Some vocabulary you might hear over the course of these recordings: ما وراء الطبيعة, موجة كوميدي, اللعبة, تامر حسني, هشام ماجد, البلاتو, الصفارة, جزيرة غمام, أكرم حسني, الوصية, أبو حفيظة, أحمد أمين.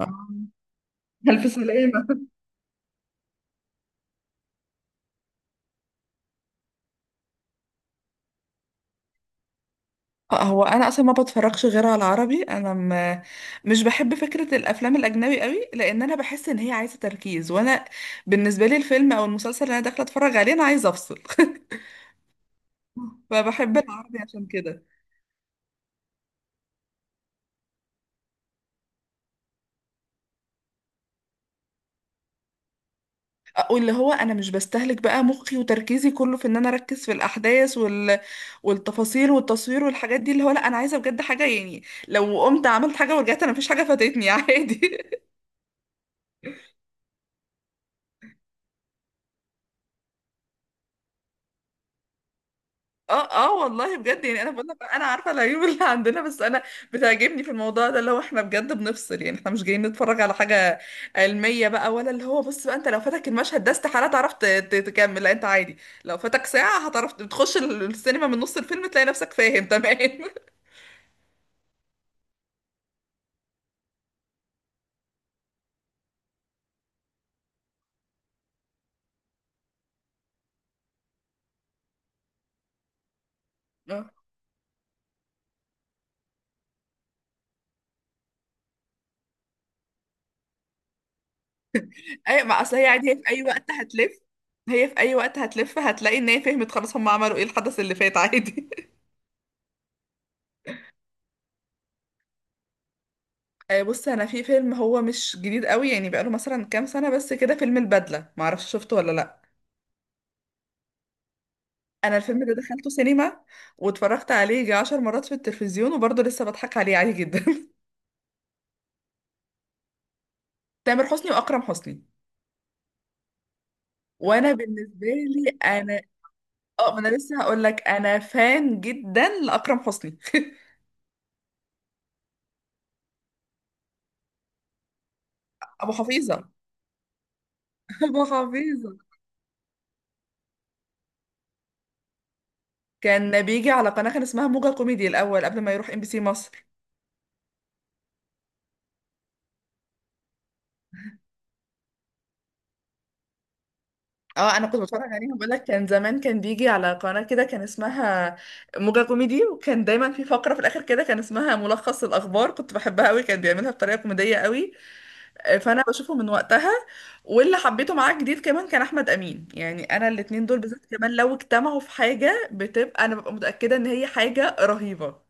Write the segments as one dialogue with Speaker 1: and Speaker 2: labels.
Speaker 1: آه. ألف سلامة. هو انا اصلا ما بتفرجش غير على العربي. مش بحب فكره الافلام الاجنبي قوي لان انا بحس ان هي عايزه تركيز، وانا بالنسبه لي الفيلم او المسلسل اللي انا داخله اتفرج عليه انا عايزه افصل. فبحب العربي عشان كده. آه، واللي هو انا مش بستهلك بقى مخي وتركيزي كله في ان انا اركز في الاحداث والتفاصيل والتصوير والحاجات دي. اللي هو لا، انا عايزه بجد حاجه يعني لو قمت عملت حاجه ورجعت انا مفيش حاجه فاتتني عادي. اه اه، والله بجد يعني انا بقول لك انا عارفه العيوب اللي عندنا، بس انا بتعجبني في الموضوع ده اللي هو احنا بجد بنفصل. يعني احنا مش جايين نتفرج على حاجه علميه بقى، ولا اللي هو بص بقى، انت لو فاتك المشهد ده استحاله تعرف تكمل. لا انت عادي لو فاتك ساعه هتعرف، بتخش السينما من نص الفيلم تلاقي نفسك فاهم تمام. اه، اي ما اصل هي عادي، هي في اي وقت هتلف. هتلاقي ان هي فهمت خلاص هم عملوا ايه، الحدث اللي فات عادي. آه، بص انا في فيلم هو مش جديد قوي، يعني بقاله مثلا كام سنه بس كده، فيلم البدله، معرفش شفته ولا لا. انا الفيلم ده دخلته سينما واتفرجت عليه يجي 10 مرات في التلفزيون، وبرضه لسه بضحك عليه عادي جدا. تامر حسني واكرم حسني. وانا بالنسبه لي انا، اه، ما انا لسه هقول لك انا فان جدا لاكرم حسني. ابو حفيظه. ابو حفيظه كان بيجي على قناه كان اسمها موجة كوميدي الاول قبل ما يروح ام بي سي مصر. اه انا كنت بتفرج عليهم، بقول لك كان زمان كان بيجي على قناة كده كان اسمها موجة كوميدي، وكان دايما في فقرة في الاخر كده كان اسمها ملخص الاخبار كنت بحبها قوي، كان بيعملها بطريقة كوميدية قوي. آه، فانا بشوفه من وقتها. واللي حبيته معاه جديد كمان كان احمد امين، يعني انا الاتنين دول بالذات كمان لو اجتمعوا في حاجة بتبقى، انا ببقى متأكدة ان هي حاجة رهيبة.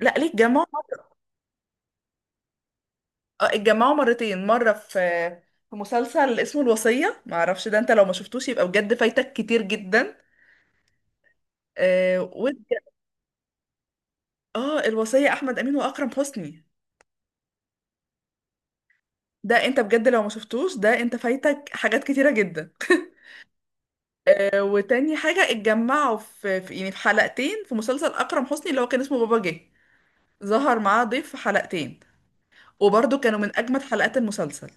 Speaker 1: لا ليه؟ اتجمعوا. آه، اتجمعوا مرتين. مرة في مسلسل اسمه الوصية، معرفش ده، انت لو ما شفتوش يبقى بجد فايتك كتير جدا. اه، الوصية، احمد امين واكرم حسني. ده انت بجد لو ما شفتوش ده انت فايتك حاجات كتيرة جدا. آه، وتاني حاجة اتجمعوا في, في يعني في حلقتين في مسلسل اكرم حسني اللي هو كان اسمه بابا جه، ظهر معاه ضيف في حلقتين، وبرضه كانوا من اجمد حلقات المسلسل.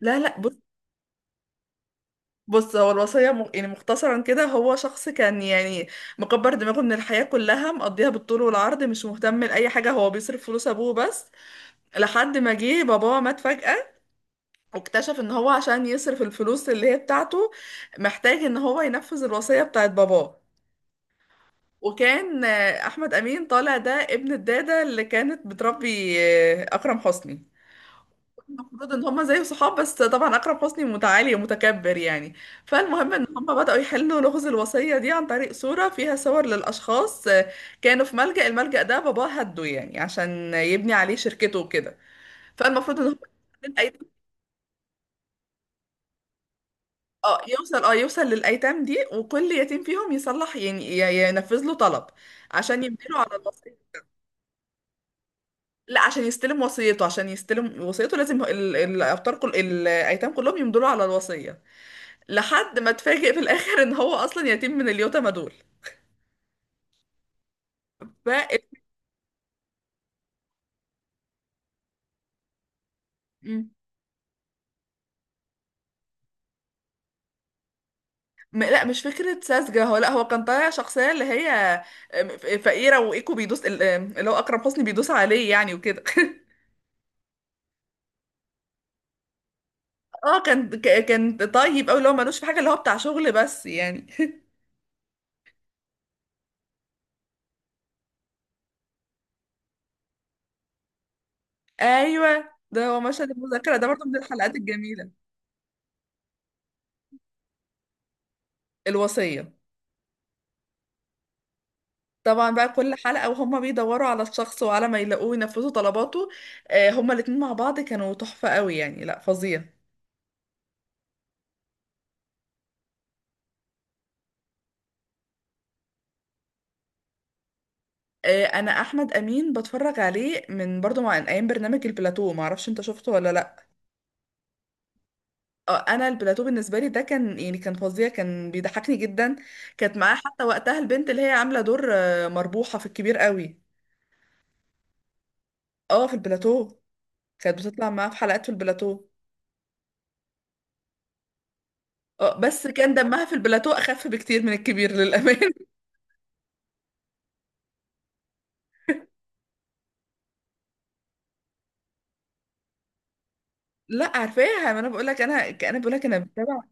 Speaker 1: لا لا، بص. بص هو الوصية، يعني مختصرا كده، هو شخص كان يعني مكبر دماغه من الحياة كلها، مقضيها بالطول والعرض، مش مهتم لأي حاجة، هو بيصرف فلوس أبوه بس. لحد ما جه باباه مات فجأة، واكتشف ان هو عشان يصرف الفلوس اللي هي بتاعته محتاج ان هو ينفذ الوصية بتاعت باباه. وكان آه، احمد امين طالع ده ابن الدادة اللي كانت بتربي آه، اكرم حسني. المفروض ان هما زي صحاب، بس طبعا اكرم حسني متعالي ومتكبر يعني. فالمهم ان هما بدأوا يحلوا لغز الوصية دي عن طريق صورة فيها صور للاشخاص. آه، كانوا في ملجأ، الملجأ ده باباه هده يعني عشان يبني عليه شركته وكده. فالمفروض ان هما، يوصل للأيتام دي، وكل يتيم فيهم يصلح، يعني ينفذ له طلب عشان يمدله على الوصية. لا عشان يستلم وصيته، عشان يستلم وصيته لازم الأبطال كل الأيتام كلهم يمدلوا على الوصية. لحد ما اتفاجئ في الآخر إن هو أصلا يتيم من اليتامى دول. ف... مم. لا مش فكرة ساذجة. هو لا، هو كان طالع شخصية اللي هي آم، فقيرة وإيكو بيدوس آم، اللي هو أكرم حسني بيدوس عليه يعني وكده. اه كان كان طيب أوي، اللي هو ملوش في حاجة، اللي هو بتاع شغل بس يعني. ايوه ده هو مشهد المذاكره ده برضه من الحلقات الجميله. الوصيه. طبعا بقى كل حلقه وهم بيدوروا على الشخص، وعلى ما يلاقوه ينفذوا طلباته. آه، هما الاتنين مع بعض كانوا تحفه قوي يعني، لا فظيع. آه، انا احمد امين بتفرج عليه من برضه، مع من ايام برنامج البلاتو، ما اعرفش انت شفته ولا لا. آه، انا البلاتو بالنسبه لي ده كان يعني كان فظيع، كان بيضحكني جدا. كانت معاه حتى وقتها البنت اللي هي عامله دور آه، مربوحه في الكبير قوي. اه في البلاتو، كانت بتطلع معاه في حلقات في البلاتو. اه بس كان دمها في البلاتو اخف بكتير من الكبير للامانه. لا عارفاها، ما انا بقول لك انا، انا بقول لك انا. بتابع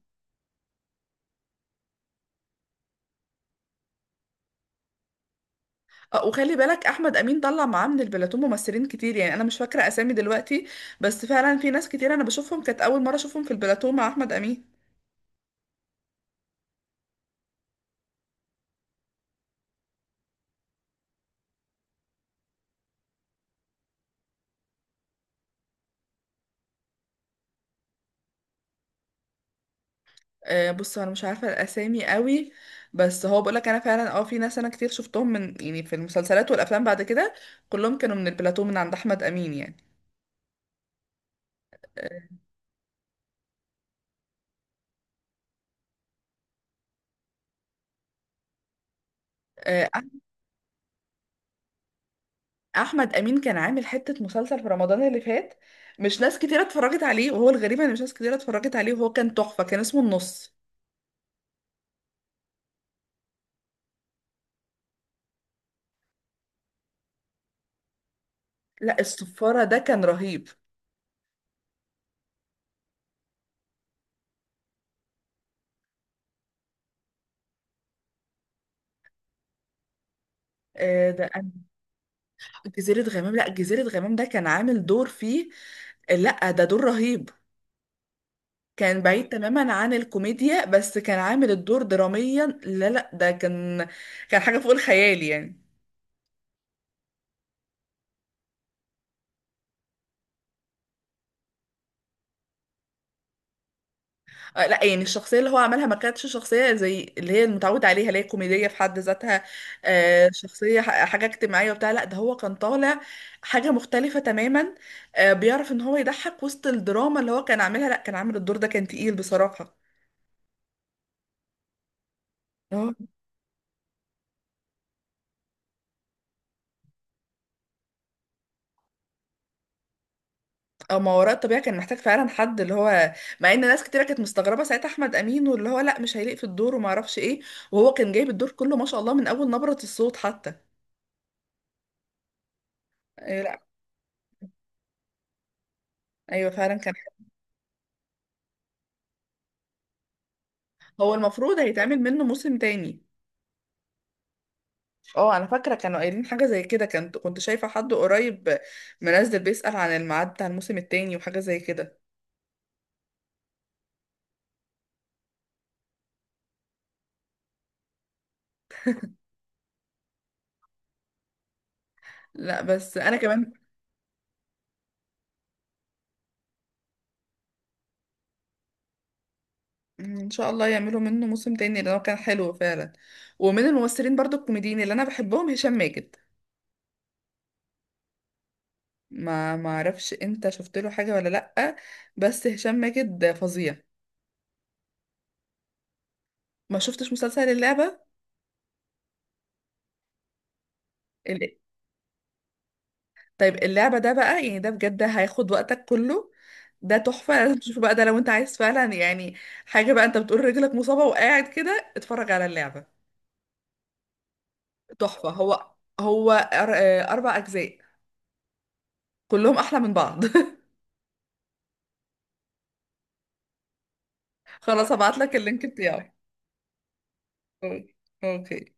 Speaker 1: اه وخلي بالك احمد امين طلع معاه من البلاتو ممثلين كتير، يعني انا مش فاكره اسامي دلوقتي، بس فعلا في ناس كتير انا بشوفهم كانت اول مره اشوفهم في البلاتو مع احمد امين. آه بص انا مش عارفه الاسامي قوي، بس هو بقول لك انا فعلا اه في ناس انا كتير شفتهم من يعني في المسلسلات والافلام بعد كده كلهم كانوا من البلاتو، من عند احمد امين يعني. آه، آه، احمد امين كان عامل حته مسلسل في رمضان اللي فات، مش ناس كتير اتفرجت عليه. وهو الغريب ان مش ناس كتير اتفرجت عليه، وهو كان تحفه، كان اسمه النص. لا الصفاره ده كان رهيب. آه، ده أنا... جزيره غمام. لا جزيره غمام ده كان عامل دور فيه، لا ده دور رهيب، كان بعيد تماما عن الكوميديا، بس كان عامل الدور دراميا. لا لا، ده كان كان حاجه فوق الخيال يعني. آه، لا يعني الشخصية اللي هو عملها ما كانتش شخصية زي اللي هي المتعودة عليها اللي هي كوميدية في حد ذاتها. آه، شخصية حاجة اجتماعية وبتاع، لا ده هو كان طالع حاجة مختلفة تماما. آه، بيعرف ان هو يضحك وسط الدراما، اللي هو كان عاملها لا، كان عامل الدور ده كان تقيل بصراحة. اه. آه، ما وراء الطبيعة كان محتاج فعلا حد اللي هو، مع ان ناس كتيرة كانت مستغربة ساعتها، احمد امين واللي هو لا مش هيليق في الدور وما اعرفش ايه، وهو كان جايب الدور كله ما شاء الله من اول نبرة الصوت حتى. آه، لا. ايوه فعلا كان. هو المفروض هيتعمل منه موسم تاني. اه انا فاكره كانوا قايلين حاجه زي كده، كنت شايفه حد قريب منزل بيسأل عن الميعاد بتاع الموسم التاني وحاجه زي كده. لا بس انا كمان. مم، ان شاء الله يعملوا منه موسم تاني، لان هو كان حلو فعلا. ومن الممثلين برضو الكوميديين اللي انا بحبهم هشام ماجد، ما اعرفش انت شفت له حاجه ولا لا، بس هشام ماجد فظيع. ما شفتش مسلسل اللعبه؟ طيب اللعبة ده بقى، يعني ده بجد هياخد وقتك كله، ده تحفة. لازم تشوفه بقى ده، لو انت عايز فعلا يعني حاجة بقى، انت بتقول رجلك مصابة وقاعد كده، اتفرج على اللعبة. تحفة. هو هو أربع أجزاء، كلهم أحلى من بعض. خلاص هبعتلك اللينك بتاعه. أوكي. أوكي.